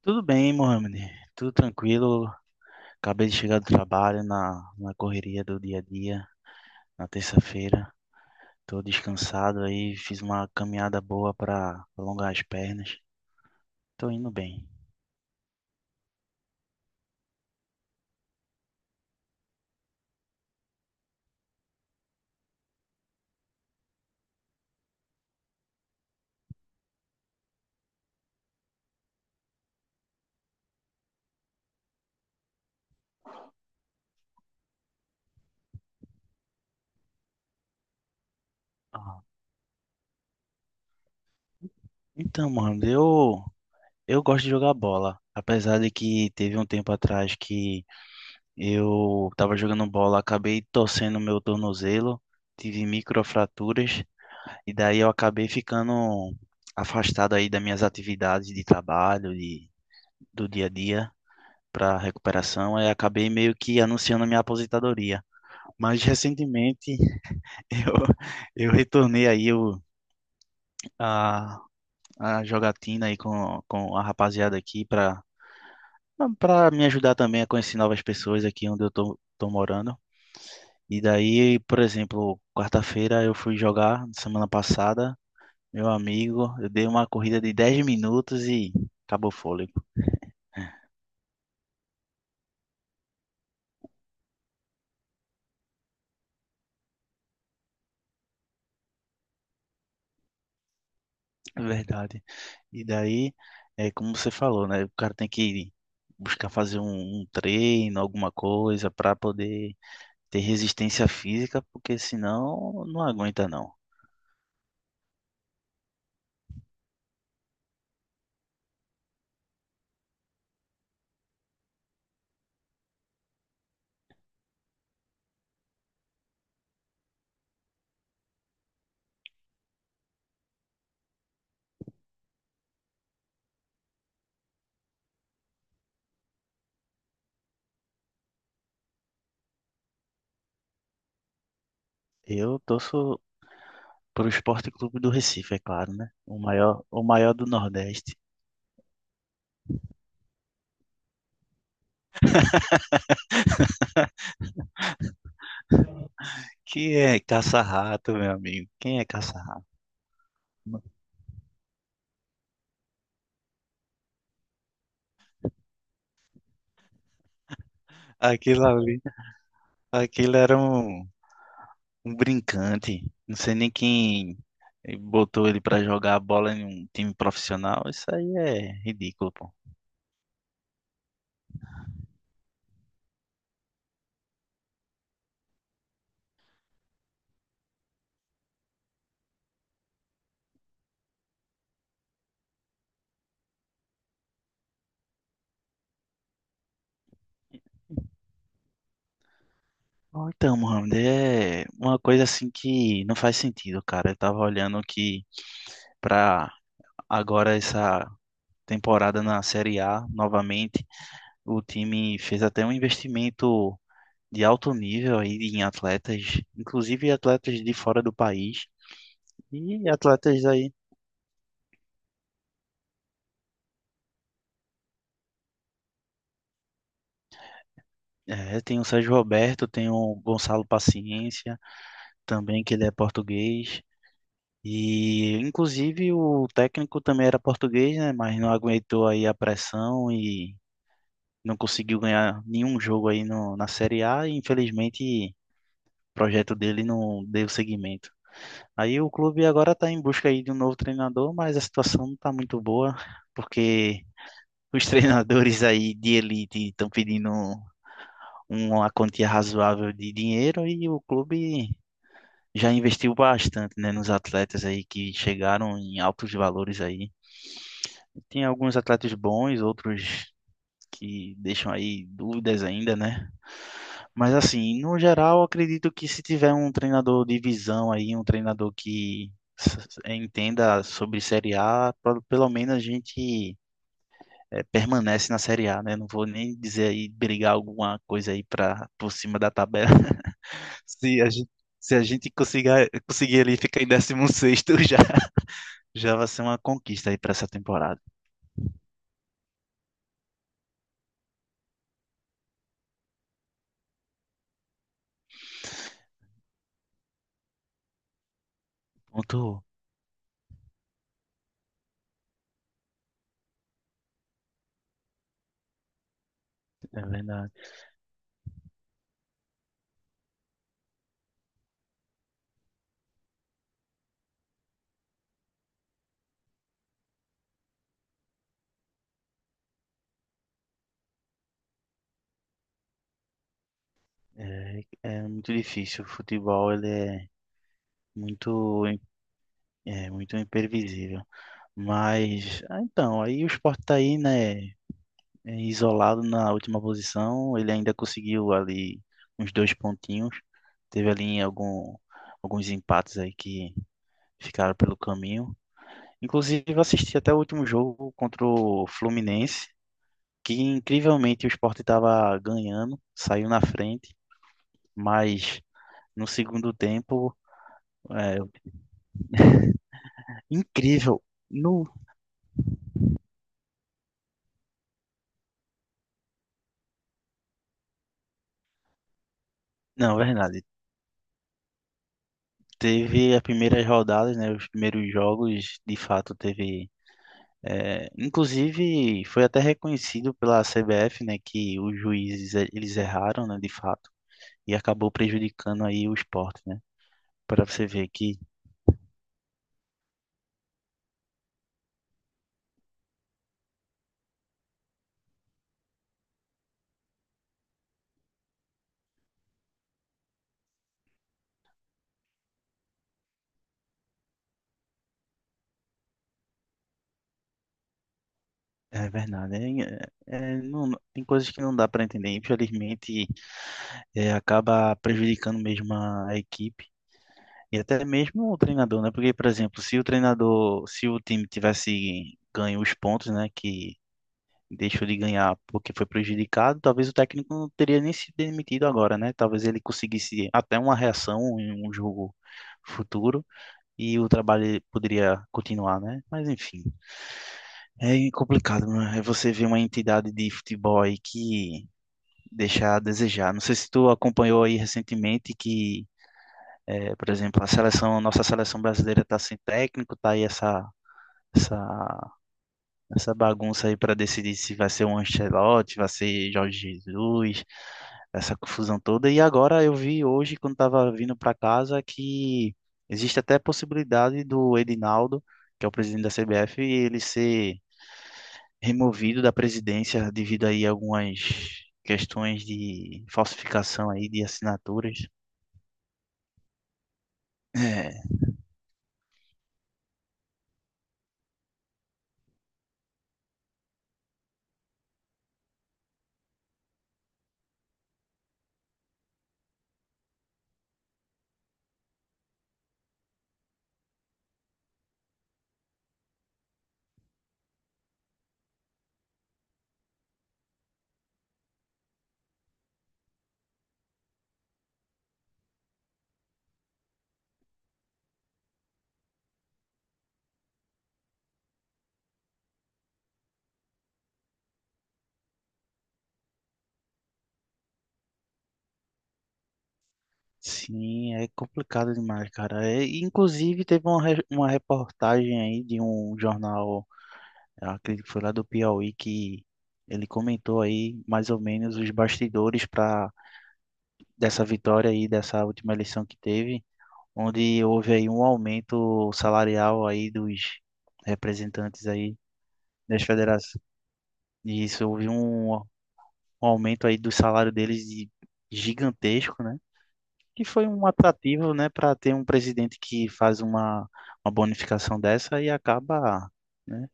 Tudo bem, Mohamed. Tudo tranquilo. Acabei de chegar do trabalho na correria do dia a dia, na terça-feira. Tô descansado aí, fiz uma caminhada boa para alongar as pernas. Tô indo bem. Ah, então, Mohamed, eu gosto de jogar bola. Apesar de que teve um tempo atrás que eu tava jogando bola, acabei torcendo meu tornozelo, tive microfraturas. E daí eu acabei ficando afastado aí das minhas atividades de trabalho, do dia a dia para recuperação, e acabei meio que anunciando a minha aposentadoria. Mas recentemente eu, eu retornei aí a, a jogatina aí com a rapaziada aqui para me ajudar também a conhecer novas pessoas aqui onde eu tô morando. E daí, por exemplo, quarta-feira eu fui jogar semana passada. Meu amigo, eu dei uma corrida de 10 minutos e acabou o fôlego. É verdade. E daí, é como você falou, né? O cara tem que buscar fazer um treino, alguma coisa, para poder ter resistência física, porque senão não aguenta, não. Eu torço para o Esporte Clube do Recife, é claro, né? O maior do Nordeste. Que é caça-rato, meu amigo. Quem é caça-rato? Aquilo ali, aquilo era um brincante. Não sei nem quem botou ele pra jogar a bola em um time profissional. Isso aí é ridículo, pô. Bom, então, Mohamed, é uma coisa assim que não faz sentido, cara. Eu tava olhando que pra agora essa temporada na Série A, novamente, o time fez até um investimento de alto nível aí em atletas, inclusive atletas de fora do país. E atletas aí, é, tem o Sérgio Roberto, tem o Gonçalo Paciência, também, que ele é português. E, inclusive, o técnico também era português, né? Mas não aguentou aí a pressão e não conseguiu ganhar nenhum jogo aí no, na Série A. E, infelizmente, o projeto dele não deu seguimento. Aí o clube agora está em busca aí de um novo treinador, mas a situação não está muito boa, porque os treinadores aí de elite estão pedindo um, uma quantia razoável de dinheiro e o clube já investiu bastante, né, nos atletas aí que chegaram em altos valores aí. Tem alguns atletas bons, outros que deixam aí dúvidas ainda, né? Mas assim, no geral, eu acredito que se tiver um treinador de visão aí, um treinador que s- entenda sobre Série A, pelo menos a gente permanece na Série A, né? Não vou nem dizer aí brigar alguma coisa aí para por cima da tabela, se a gente, se a gente conseguir ali ficar em 16º já vai ser uma conquista aí para essa temporada. Ponto, um. É verdade. É muito difícil. O futebol ele muito, im- é muito imprevisível. Mas, então, aí o Sport tá aí, né, é, isolado na última posição. Ele ainda conseguiu ali uns dois pontinhos. Teve ali algum, alguns empates aí que ficaram pelo caminho. Inclusive, eu assisti até o último jogo contra o Fluminense, que incrivelmente o Sport estava ganhando, saiu na frente, mas no segundo tempo, é, incrível. No, não, verdade. Teve as primeiras rodadas, né, os primeiros jogos, de fato, teve. É, inclusive, foi até reconhecido pela CBF, né, que os juízes eles erraram, né, de fato, e acabou prejudicando aí o Sport, né, para você ver que. É verdade, hein? É, não, tem coisas que não dá para entender. Infelizmente, acaba prejudicando mesmo a equipe e até mesmo o treinador, né? Porque, por exemplo, se o treinador, se o time tivesse ganho os pontos, né, que deixou de ganhar porque foi prejudicado, talvez o técnico não teria nem se demitido agora, né? Talvez ele conseguisse até uma reação em um jogo futuro e o trabalho poderia continuar, né? Mas enfim. É complicado, né? É você ver uma entidade de futebol aí que deixa a desejar. Não sei se tu acompanhou aí recentemente que, por exemplo, a seleção, nossa seleção brasileira tá sem técnico, tá aí essa essa bagunça aí para decidir se vai ser o Ancelotti, vai ser Jorge Jesus, essa confusão toda. E agora eu vi hoje quando tava vindo para casa que existe até a possibilidade do Edinaldo, que é o presidente da CBF, ele ser removido da presidência devido aí a algumas questões de falsificação aí de assinaturas. É, sim, é complicado demais, cara. É, inclusive, teve uma reportagem aí de um jornal, eu acredito que foi lá do Piauí, que ele comentou aí mais ou menos os bastidores para dessa vitória aí, dessa última eleição que teve, onde houve aí um aumento salarial aí dos representantes aí das federações. Isso, houve um aumento aí do salário deles gigantesco, né? Que foi um atrativo, né, para ter um presidente que faz uma bonificação dessa e acaba, né?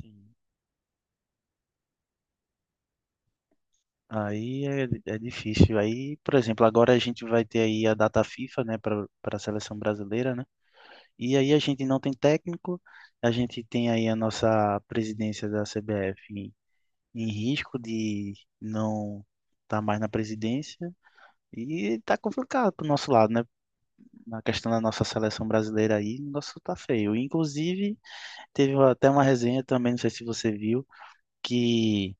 Sim. Aí é difícil. Aí, por exemplo, agora a gente vai ter aí a data FIFA, né, para a seleção brasileira, né? E aí a gente não tem técnico, a gente tem aí a nossa presidência da CBF em risco de não estar mais na presidência e tá complicado pro nosso lado, né? Na questão da nossa seleção brasileira aí, o negócio tá feio. Inclusive, teve até uma resenha também, não sei se você viu, que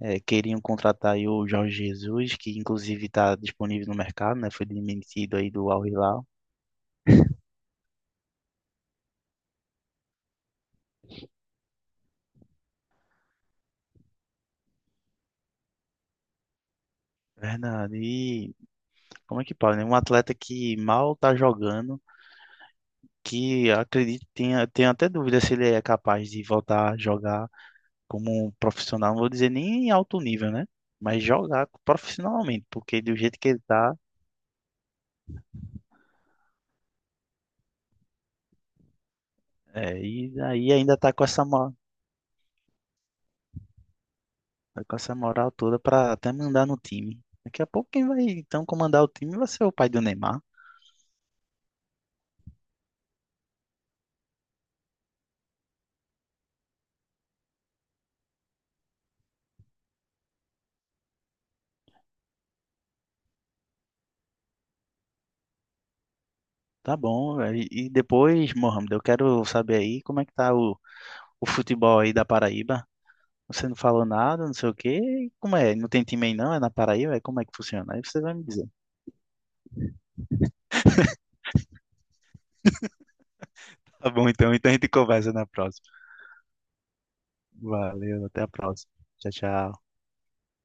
queriam contratar aí o Jorge Jesus, que inclusive está disponível no mercado, né? Foi demitido aí do Al Hilal. Verdade. E como é que pode, né? Um atleta que mal tá jogando, que acredito, tenha, tenho até dúvida se ele é capaz de voltar a jogar como um profissional, não vou dizer nem em alto nível, né? Mas jogar profissionalmente, porque do jeito que ele tá. É, e aí ainda tá com essa moral toda pra até mandar no time. Daqui a pouco quem vai então comandar o time vai ser o pai do Neymar. Tá bom, velho. E depois, Mohamed, eu quero saber aí como é que tá o futebol aí da Paraíba. Você não falou nada, não sei o quê. Como é? Não tem time aí não? É na Paraíba? É como é que funciona? Aí você vai me dizer. Tá bom, então. Então a gente conversa na próxima. Valeu, até a próxima. Tchau, tchau.